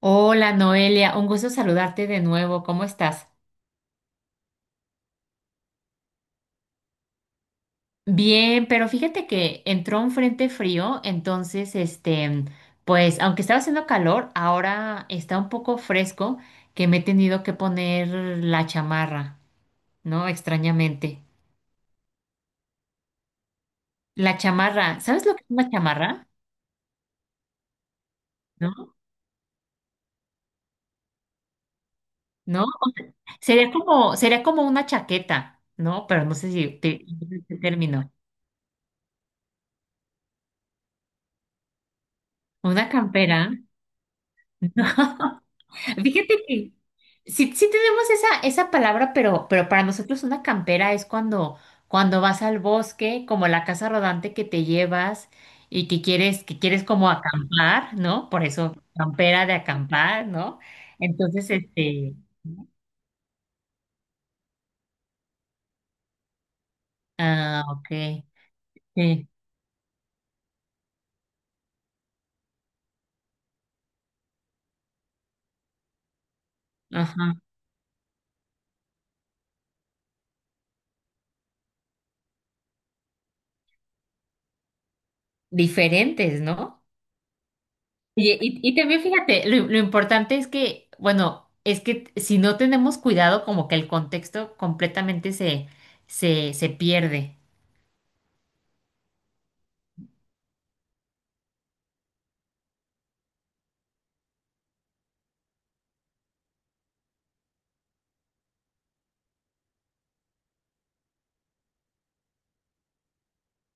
Hola Noelia, un gusto saludarte de nuevo. ¿Cómo estás? Bien, pero fíjate que entró un frente frío, entonces, pues, aunque estaba haciendo calor, ahora está un poco fresco que me he tenido que poner la chamarra, ¿no? Extrañamente. La chamarra, ¿sabes lo que es una chamarra? ¿No? ¿No? Sería como una chaqueta, ¿no? Pero no sé si te, el término. Una campera. No. Fíjate que sí, sí tenemos esa palabra, pero para nosotros una campera es cuando vas al bosque, como la casa rodante que te llevas y que quieres como acampar, ¿no? Por eso campera de acampar, ¿no? Entonces, ah, ok, sí, ajá, diferentes, ¿no? Oye, y también fíjate, lo importante es que, bueno, es que si no tenemos cuidado, como que el contexto completamente se pierde.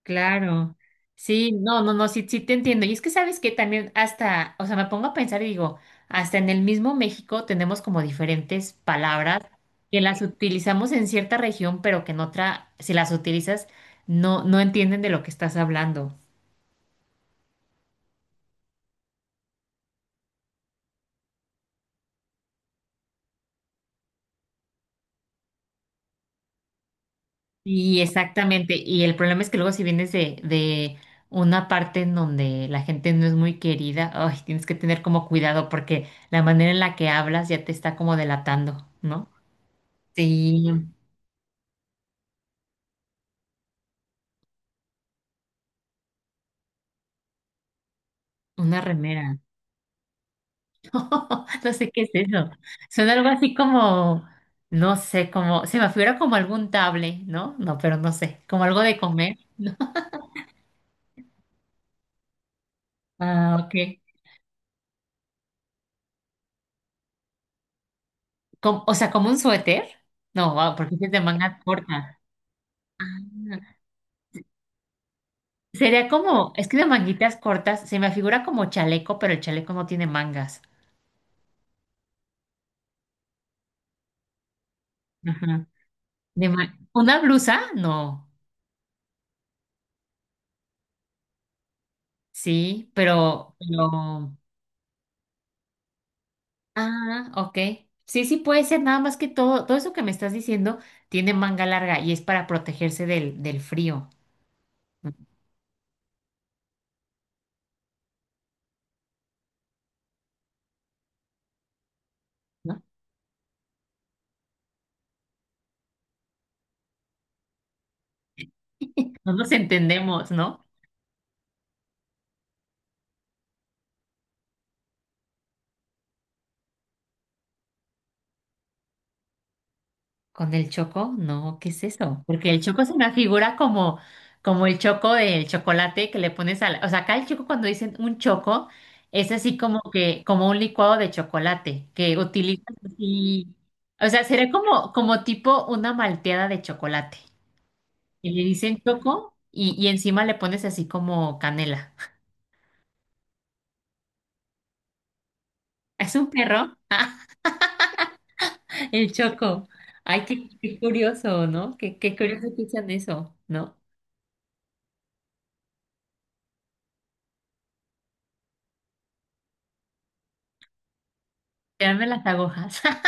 Claro. Sí, no, sí, sí te entiendo. Y es que sabes que también hasta, o sea, me pongo a pensar y digo, hasta en el mismo México tenemos como diferentes palabras que las utilizamos en cierta región, pero que en otra, si las utilizas, no entienden de lo que estás hablando. Y exactamente, y el problema es que luego si vienes de una parte en donde la gente no es muy querida, ay, tienes que tener como cuidado porque la manera en la que hablas ya te está como delatando, ¿no? Sí, una remera. No sé qué es eso. Suena algo así como, no sé, como, se me figura como algún table, ¿no? No, pero no sé, como algo de comer. Ah, ok. Com- o sea, como un suéter. No, ah, porque es de manga corta. ah. Sería como, es que de manguitas cortas, se me figura como chaleco, pero el chaleco no tiene mangas. Ajá. De ma- ¿Una blusa? No. Sí, pero... Ah, ok. Sí, sí puede ser, nada más que todo, todo eso que me estás diciendo tiene manga larga y es para protegerse del frío. ¿No? No nos entendemos, ¿no? ¿Con el choco? No, ¿qué es eso? Porque el choco es una figura como, como el choco del chocolate que le pones a la... O sea, acá el choco cuando dicen un choco es así como que, como un licuado de chocolate que utilizas así. O sea, sería como, como tipo una malteada de chocolate. Y le dicen choco y encima le pones así como canela. ¿Es un perro? el choco. Ay, qué curioso, ¿no? Qué curioso que usan eso, ¿no? Tirarme las agujas.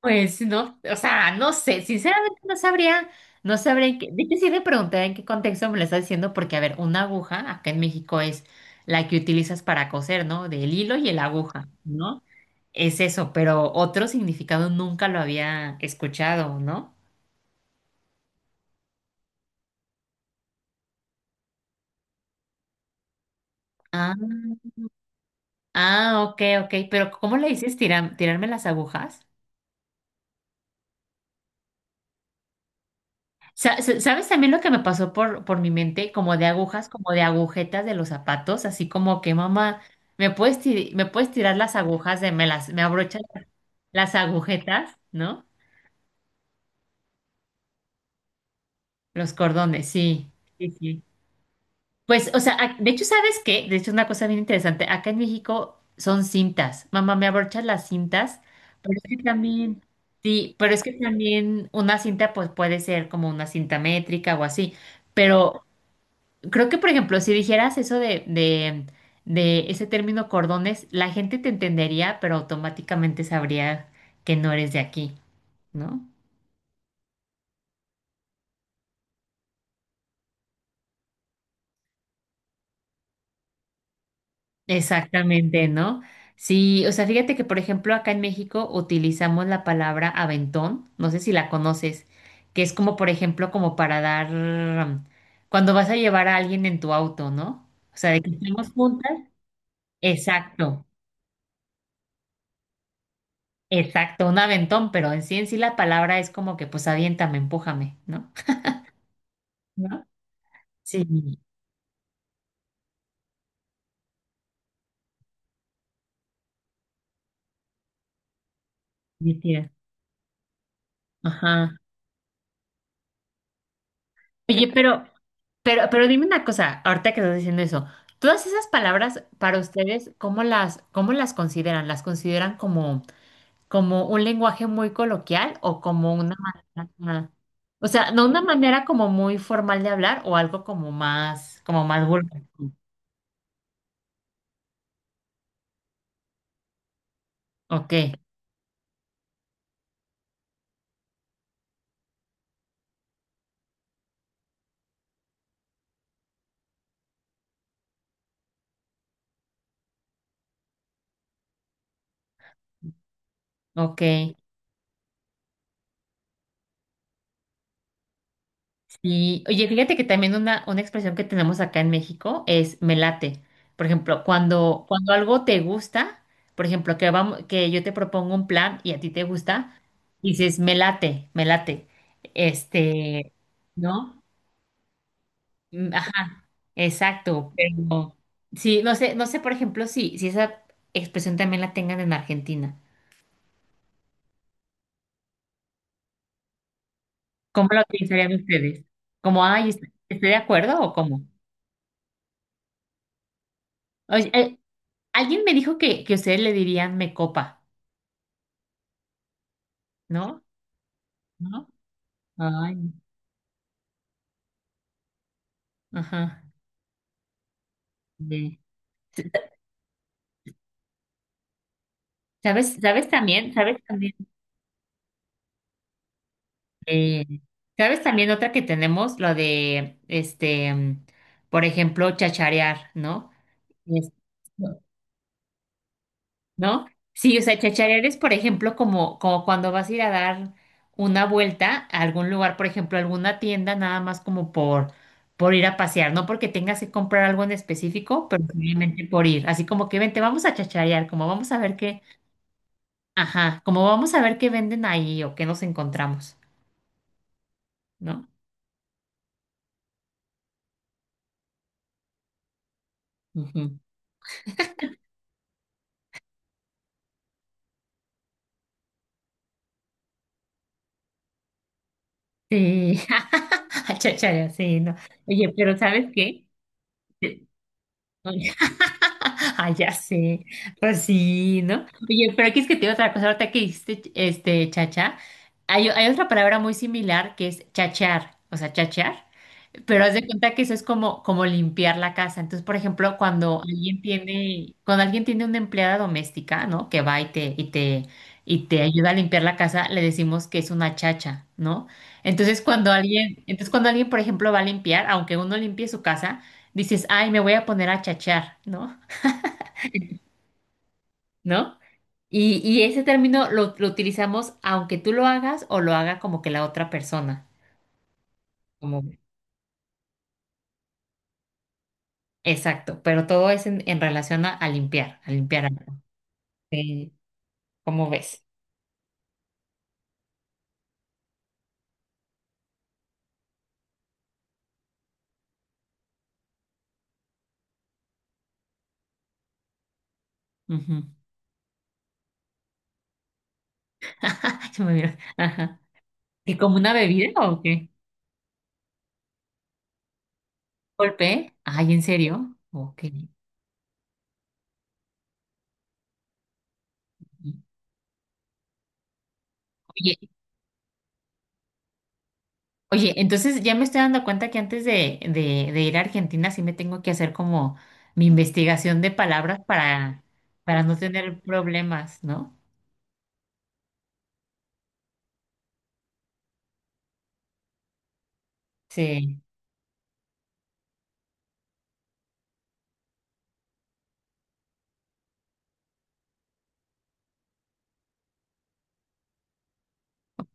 Pues no, o sea, no sé, sinceramente no sabría, no sabría en qué, de hecho sí me pregunté en qué contexto me lo está diciendo, porque a ver, una aguja acá en México es la que utilizas para coser, ¿no? Del hilo y la aguja, ¿no? Es eso, pero otro significado nunca lo había escuchado, ¿no? Ah, ah, ok, pero ¿cómo le dices tiram- tirarme las agujas? Sa- sa- ¿Sabes también lo que me pasó por mi mente? Como de agujas, como de agujetas de los zapatos, así como que mamá, ¿me puedes, ti- me puedes tirar las agujas de, me las, me abrochas las agujetas, ¿no? Los cordones, sí, sí, sí. Pues, o sea, ac- de hecho, ¿sabes qué? De hecho, es una cosa bien interesante. Acá en México son cintas. Mamá, ¿me abrochas las cintas? Pero es que también, sí, pero es que también una cinta, pues puede ser como una cinta métrica o así. Pero creo que, por ejemplo, si dijeras eso de ese término cordones, la gente te entendería, pero automáticamente sabría que no eres de aquí, ¿no? Exactamente, ¿no? Sí, o sea, fíjate que, por ejemplo, acá en México utilizamos la palabra aventón, no sé si la conoces, que es como, por ejemplo, como para dar, cuando vas a llevar a alguien en tu auto, ¿no? O sea, de que estamos juntas. Exacto. Exacto, un aventón, pero en sí la palabra es como que pues aviéntame, empújame, ¿no? ¿no? Sí, mi tía. Ajá. Oye, pero dime una cosa, ahorita que estás diciendo eso, todas esas palabras para ustedes, cómo las consideran? ¿Las consideran como, como un lenguaje muy coloquial o como una manera, o sea, no una manera como muy formal de hablar o algo como más vulgar? Ok, ok. Y oye, fíjate que también una expresión que tenemos acá en México es me late. Por ejemplo, cuando algo te gusta, por ejemplo, que vamos, que yo te propongo un plan y a ti te gusta, dices me late, me late. Este, ¿No? Mm, ajá, exacto. Pero sí, no sé, no sé, por ejemplo, si, si esa expresión también la tengan en Argentina. ¿Cómo la utilizarían ustedes? ¿Como, ay, est- estoy de acuerdo o cómo? Oye, alguien me dijo que ustedes le dirían me copa, ¿no? ¿no? Ay, ajá. de- ¿Sabes, sabes también, sabes también, eh, sabes también otra que tenemos, lo de, por ejemplo, chacharear, ¿no? Es- ¿no? Sí, o sea, chacharear es, por ejemplo, como, como cuando vas a ir a dar una vuelta a algún lugar, por ejemplo, alguna tienda, nada más como por ir a pasear, no porque tengas que comprar algo en específico, pero simplemente por ir, así como que vente, vamos a chacharear, como vamos a ver qué, ajá, como vamos a ver qué venden ahí o qué nos encontramos, ¿no? Ujú. Sí, a chacharear, sí, no. Oye, pero ¿sabes qué? Ah, ya sé. Pues sí, ¿no? Oye, pero aquí es que te digo otra cosa, ahorita que dijiste este chacha, hay otra palabra muy similar que es chachear, o sea, chachear, pero haz de cuenta que eso es como, como limpiar la casa. Entonces, por ejemplo, cuando alguien tiene una empleada doméstica, ¿no? Que va y te ayuda a limpiar la casa, le decimos que es una chacha, ¿no? Entonces cuando alguien, por ejemplo, va a limpiar, aunque uno limpie su casa, dices, ay, me voy a poner a chachear, ¿no? ¿no? Y ese término lo utilizamos aunque tú lo hagas o lo haga como que la otra persona. Como, exacto, pero todo es en relación a limpiar algo. Sí, ¿cómo ves? Ujú. Se me vino. Ajá. ¿Y como una bebida o qué? ¿Golpe? Ay, ¿en serio? Ok. Oye, oye, entonces ya me estoy dando cuenta que antes de ir a Argentina sí me tengo que hacer como mi investigación de palabras para no tener problemas, ¿no? Sí.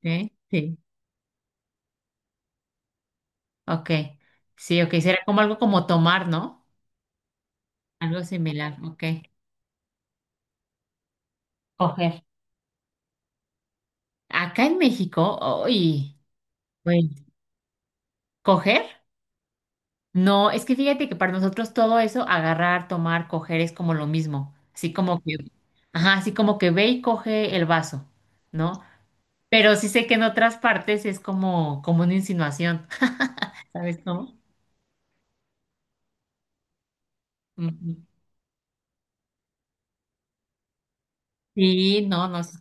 Sí, sí, ok. Sí, ok, será como algo como tomar, ¿no? Algo similar, ok. Coger. Acá en México, uy, bueno, ¿coger? No, es que fíjate que para nosotros todo eso, agarrar, tomar, coger es como lo mismo. Así como que, ajá, así como que ve y coge el vaso, ¿no? Pero sí sé que en otras partes es como, como una insinuación, ¿sabes cómo? Ujú. Sí, no, no sé.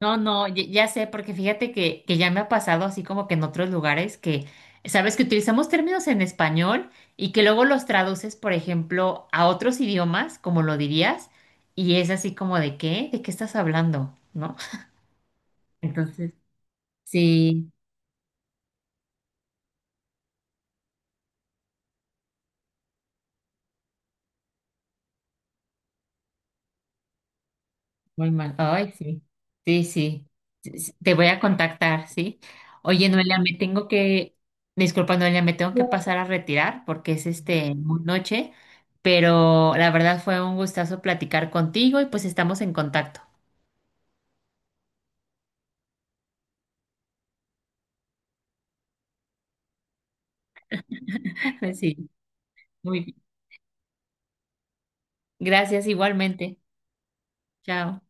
No, no, ya, ya sé, porque fíjate que ya me ha pasado así como que en otros lugares que, sabes, que utilizamos términos en español y que luego los traduces, por ejemplo, a otros idiomas, como lo dirías, y es así como ¿de qué estás hablando? ¿No? Entonces, sí. Muy mal. Ay, sí. Sí, sí. Sí, sí. Te voy a contactar, ¿sí? Oye, Noelia, me tengo que, disculpa, Noelia, me tengo que pasar a retirar porque es muy noche, pero la verdad fue un gustazo platicar contigo y pues estamos en contacto. Sí, muy bien. Gracias igualmente. Chao.